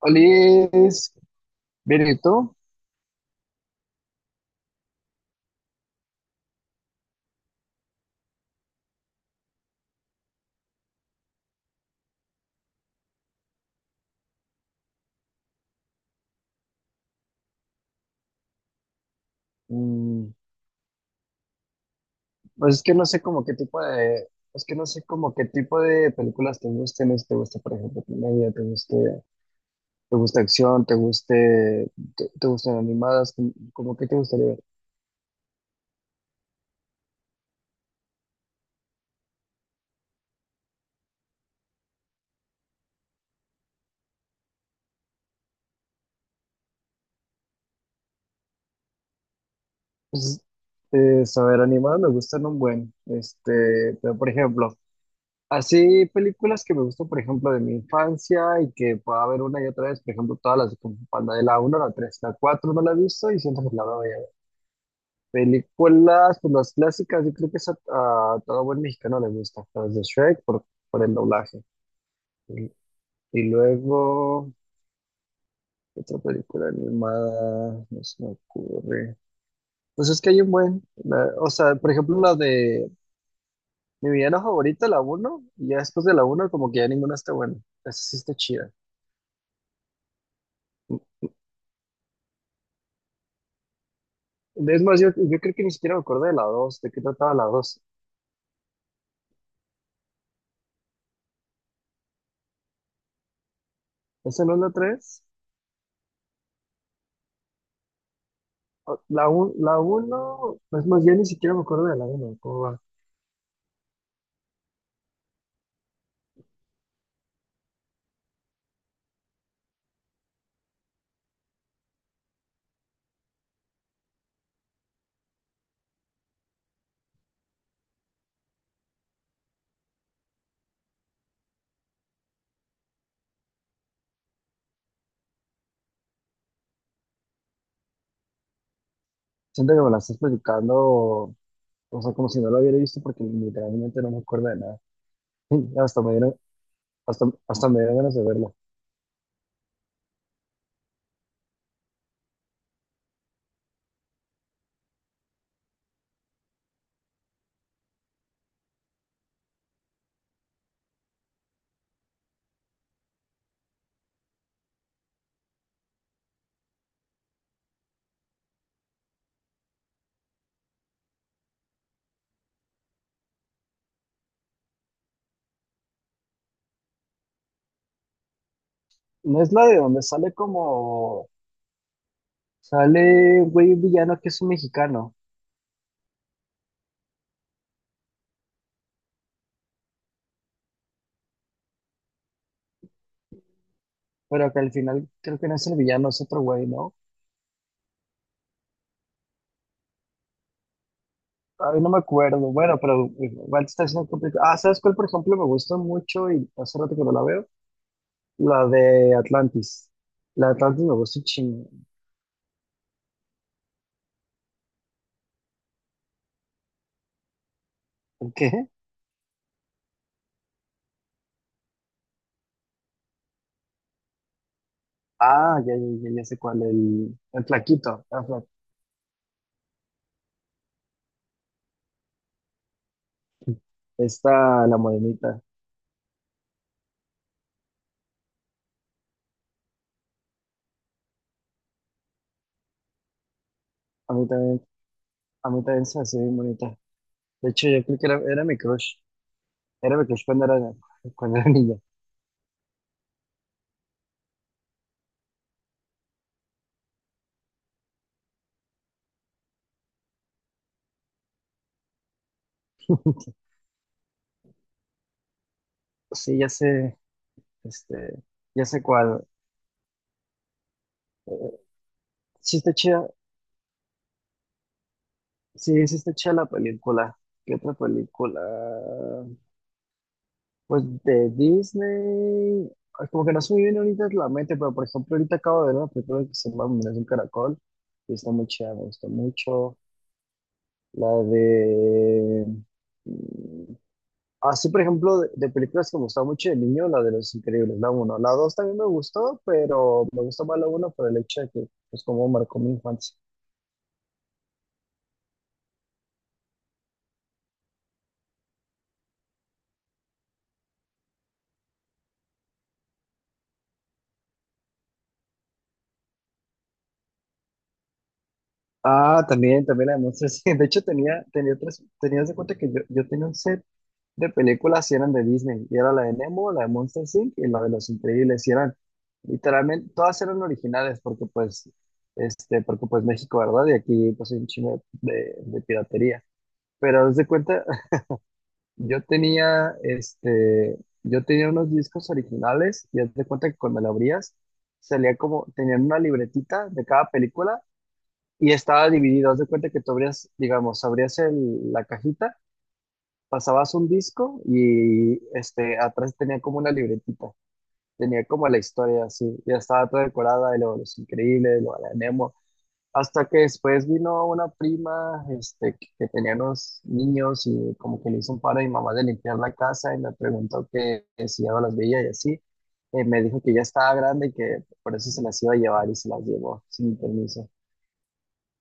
Olis, bien, ¿y tú? Mm, pues es que no sé como qué tipo es que no sé como qué tipo de películas te gusten, si te gusta, por ejemplo, comedia, te gusta acción, te gustan animadas, como qué te gustaría ver. Pues, saber animadas me gustan un buen, pero por ejemplo, así películas que me gustan, por ejemplo, de mi infancia y que pueda ver una y otra vez, por ejemplo, todas las de Kung Fu Panda, de la 1 a la 3, la 4 no la he visto y siento que la veo. Películas, pues las clásicas, yo creo que a todo buen mexicano le gusta, las de Shrek por el doblaje. Y, luego otra película animada, no se me ocurre. Pues es que hay un buen, o sea, por ejemplo, la de mi villano favorita, la uno, y ya después de la uno como que ya ninguna está buena, esa sí está chida. Es más, yo creo que ni siquiera me acuerdo de la dos, de qué trataba la dos. ¿Esa no es la 3? La uno es más, yo ni siquiera me acuerdo de la 1. Siento que me la estás platicando, o sea, como si no lo hubiera visto porque literalmente no me acuerdo de nada. Hasta me dieron, hasta me dieron ganas de verla. No es la de donde sale como, sale un güey villano que es un mexicano, pero que al final creo que no es el villano, es otro güey, ¿no? Ay, no me acuerdo. Bueno, pero igual te está haciendo complicado. Ah, ¿sabes cuál, por ejemplo, me gusta mucho y hace rato que no la veo? La de Atlantis. La de Atlantis me gusta un chingo. ¿Por qué? Ah, ya, ya, ya, ya sé cuál, el flaquito. Esta, la morenita. A mí también, a mí también se me hacía bien bonita. De hecho, yo creo que era mi crush. Era mi crush cuando cuando era niño. Sí, ya sé, este, ya sé cuál. Eh, sí está chida, sí, sí está chida la película. ¿Qué otra película? Pues de Disney. Ay, como que no se muy bien ahorita la mente, pero por ejemplo, ahorita acabo de ver una película que se llama Me nace un caracol. Y está muy chida, me gustó mucho. La de... Así, por ejemplo, de películas que me gustaba mucho de niño, la de Los Increíbles, la uno. La 2 también me gustó, pero me gustó más la uno por el hecho de que, pues, como marcó mi infancia. Ah, también, también la de Monsters. De hecho, tenías de cuenta que yo tenía un set de películas y eran de Disney. Y era la de Nemo, la de Monsters Inc. y la de Los Increíbles. Y eran, literalmente, todas eran originales porque, pues, porque, pues, México, ¿verdad? Y aquí, pues, hay un chingo de piratería. Pero haz de cuenta, yo tenía, yo tenía unos discos originales y haz de cuenta que cuando lo abrías, salía como, tenían una libretita de cada película y estaba dividido. Haz de cuenta que tú abrías, digamos, abrías la cajita, pasabas un disco y este, atrás tenía como una libretita. Tenía como la historia así, ya estaba toda decorada, de lo de los increíbles, lo de la... Hasta que después vino una prima, que tenía unos niños y como que le hizo un paro a mi mamá de limpiar la casa y me preguntó que si ya no las veía y así. Me dijo que ya estaba grande y que por eso se las iba a llevar y se las llevó sin mi permiso.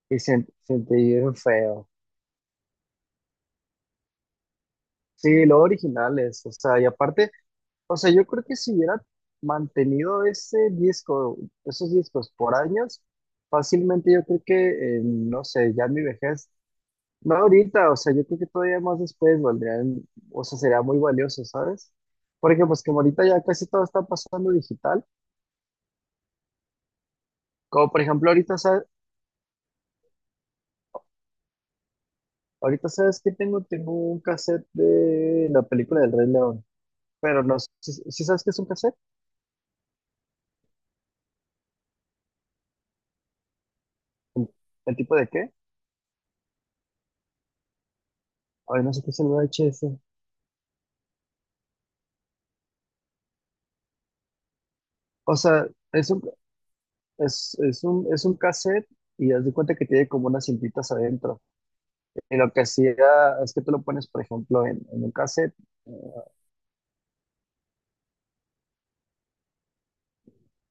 Y sentí bien feo. Sí, lo original es, o sea, y aparte, o sea, yo creo que si hubiera mantenido ese disco, esos discos por años, fácilmente yo creo que, no sé, ya en mi vejez... No ahorita, o sea, yo creo que todavía más después valdrían, o sea, sería muy valioso, ¿sabes? Porque pues como ahorita ya casi todo está pasando digital, como por ejemplo ahorita, ahorita, ¿sabes que tengo? Tengo un cassette de la película del Rey León, pero no sé, si sabes qué es un cassette. ¿El, el tipo de qué? Ay, no sé qué es el VHS. O sea, es un, es un, es un cassette y haz de cuenta que tiene como unas cintitas adentro. Y lo que hacía es que tú lo pones, por ejemplo, en un cassette.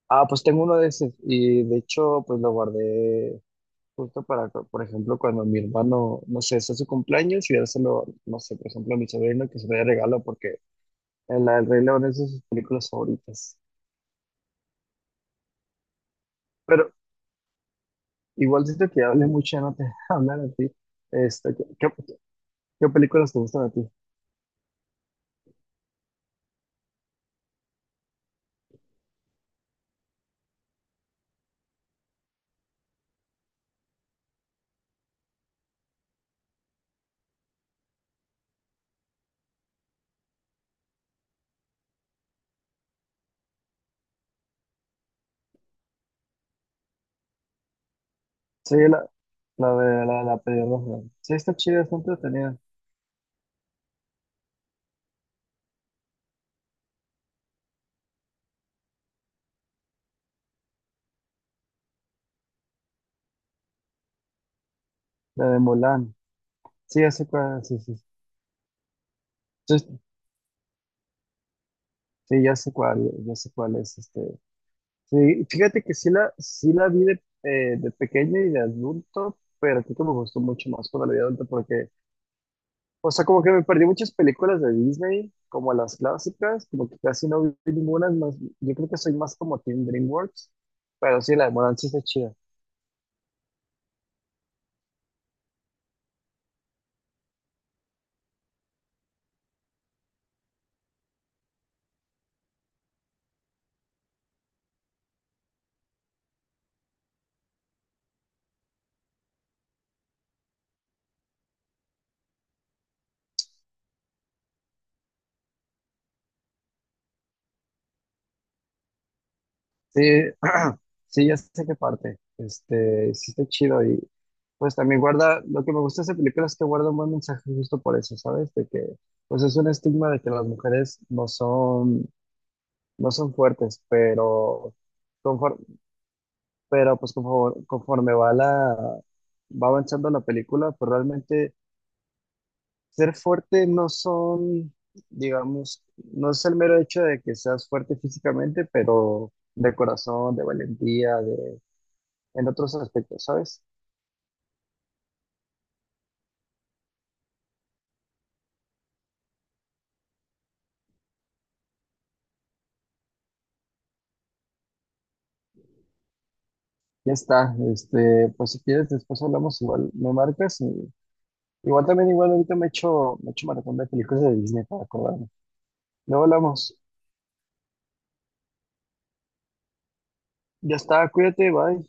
Ah, pues tengo uno de esos y de hecho pues lo guardé justo para, por ejemplo, cuando mi hermano, no sé, es su cumpleaños y dárselo, no sé, por ejemplo, a mi sobrino que se lo dé regalo porque en la del Rey León es de sus películas favoritas. Pero igual siento que hablé mucho, ya no te hablar a ti. Este, ¿ qué películas te gustan a ti? Sí, la de la pelirroja. Sí, está chida, está entretenida. La de Mulan. Sí, ya sé cuál, sí, sí. Sí, sí, ya sé cuál es este. Sí, fíjate que sí la vi de pequeño y de adulto, pero creo que me gustó mucho más cuando la vi de adulto porque, o sea, como que me perdí muchas películas de Disney, como las clásicas, como que casi no vi ninguna, es más, yo creo que soy más como Team DreamWorks, pero sí, la de Mulan sí está chida. Sí, sí, ya sé qué parte, sí está chido y pues también guarda, lo que me gusta de esa película es que guarda un buen mensaje justo por eso, ¿sabes? De que, pues es un estigma de que las mujeres no son... No son fuertes, pero, conforme, pero pues conforme va la, va avanzando la película, pues realmente ser fuerte no son, digamos, no es el mero hecho de que seas fuerte físicamente, pero de corazón, de valentía, de, en otros aspectos, ¿sabes? Ya está, pues si quieres después hablamos, igual me marcas y igual también igual ahorita me echo maratón de películas de Disney para acordarme. Luego hablamos. Ya está, cuídate, bye.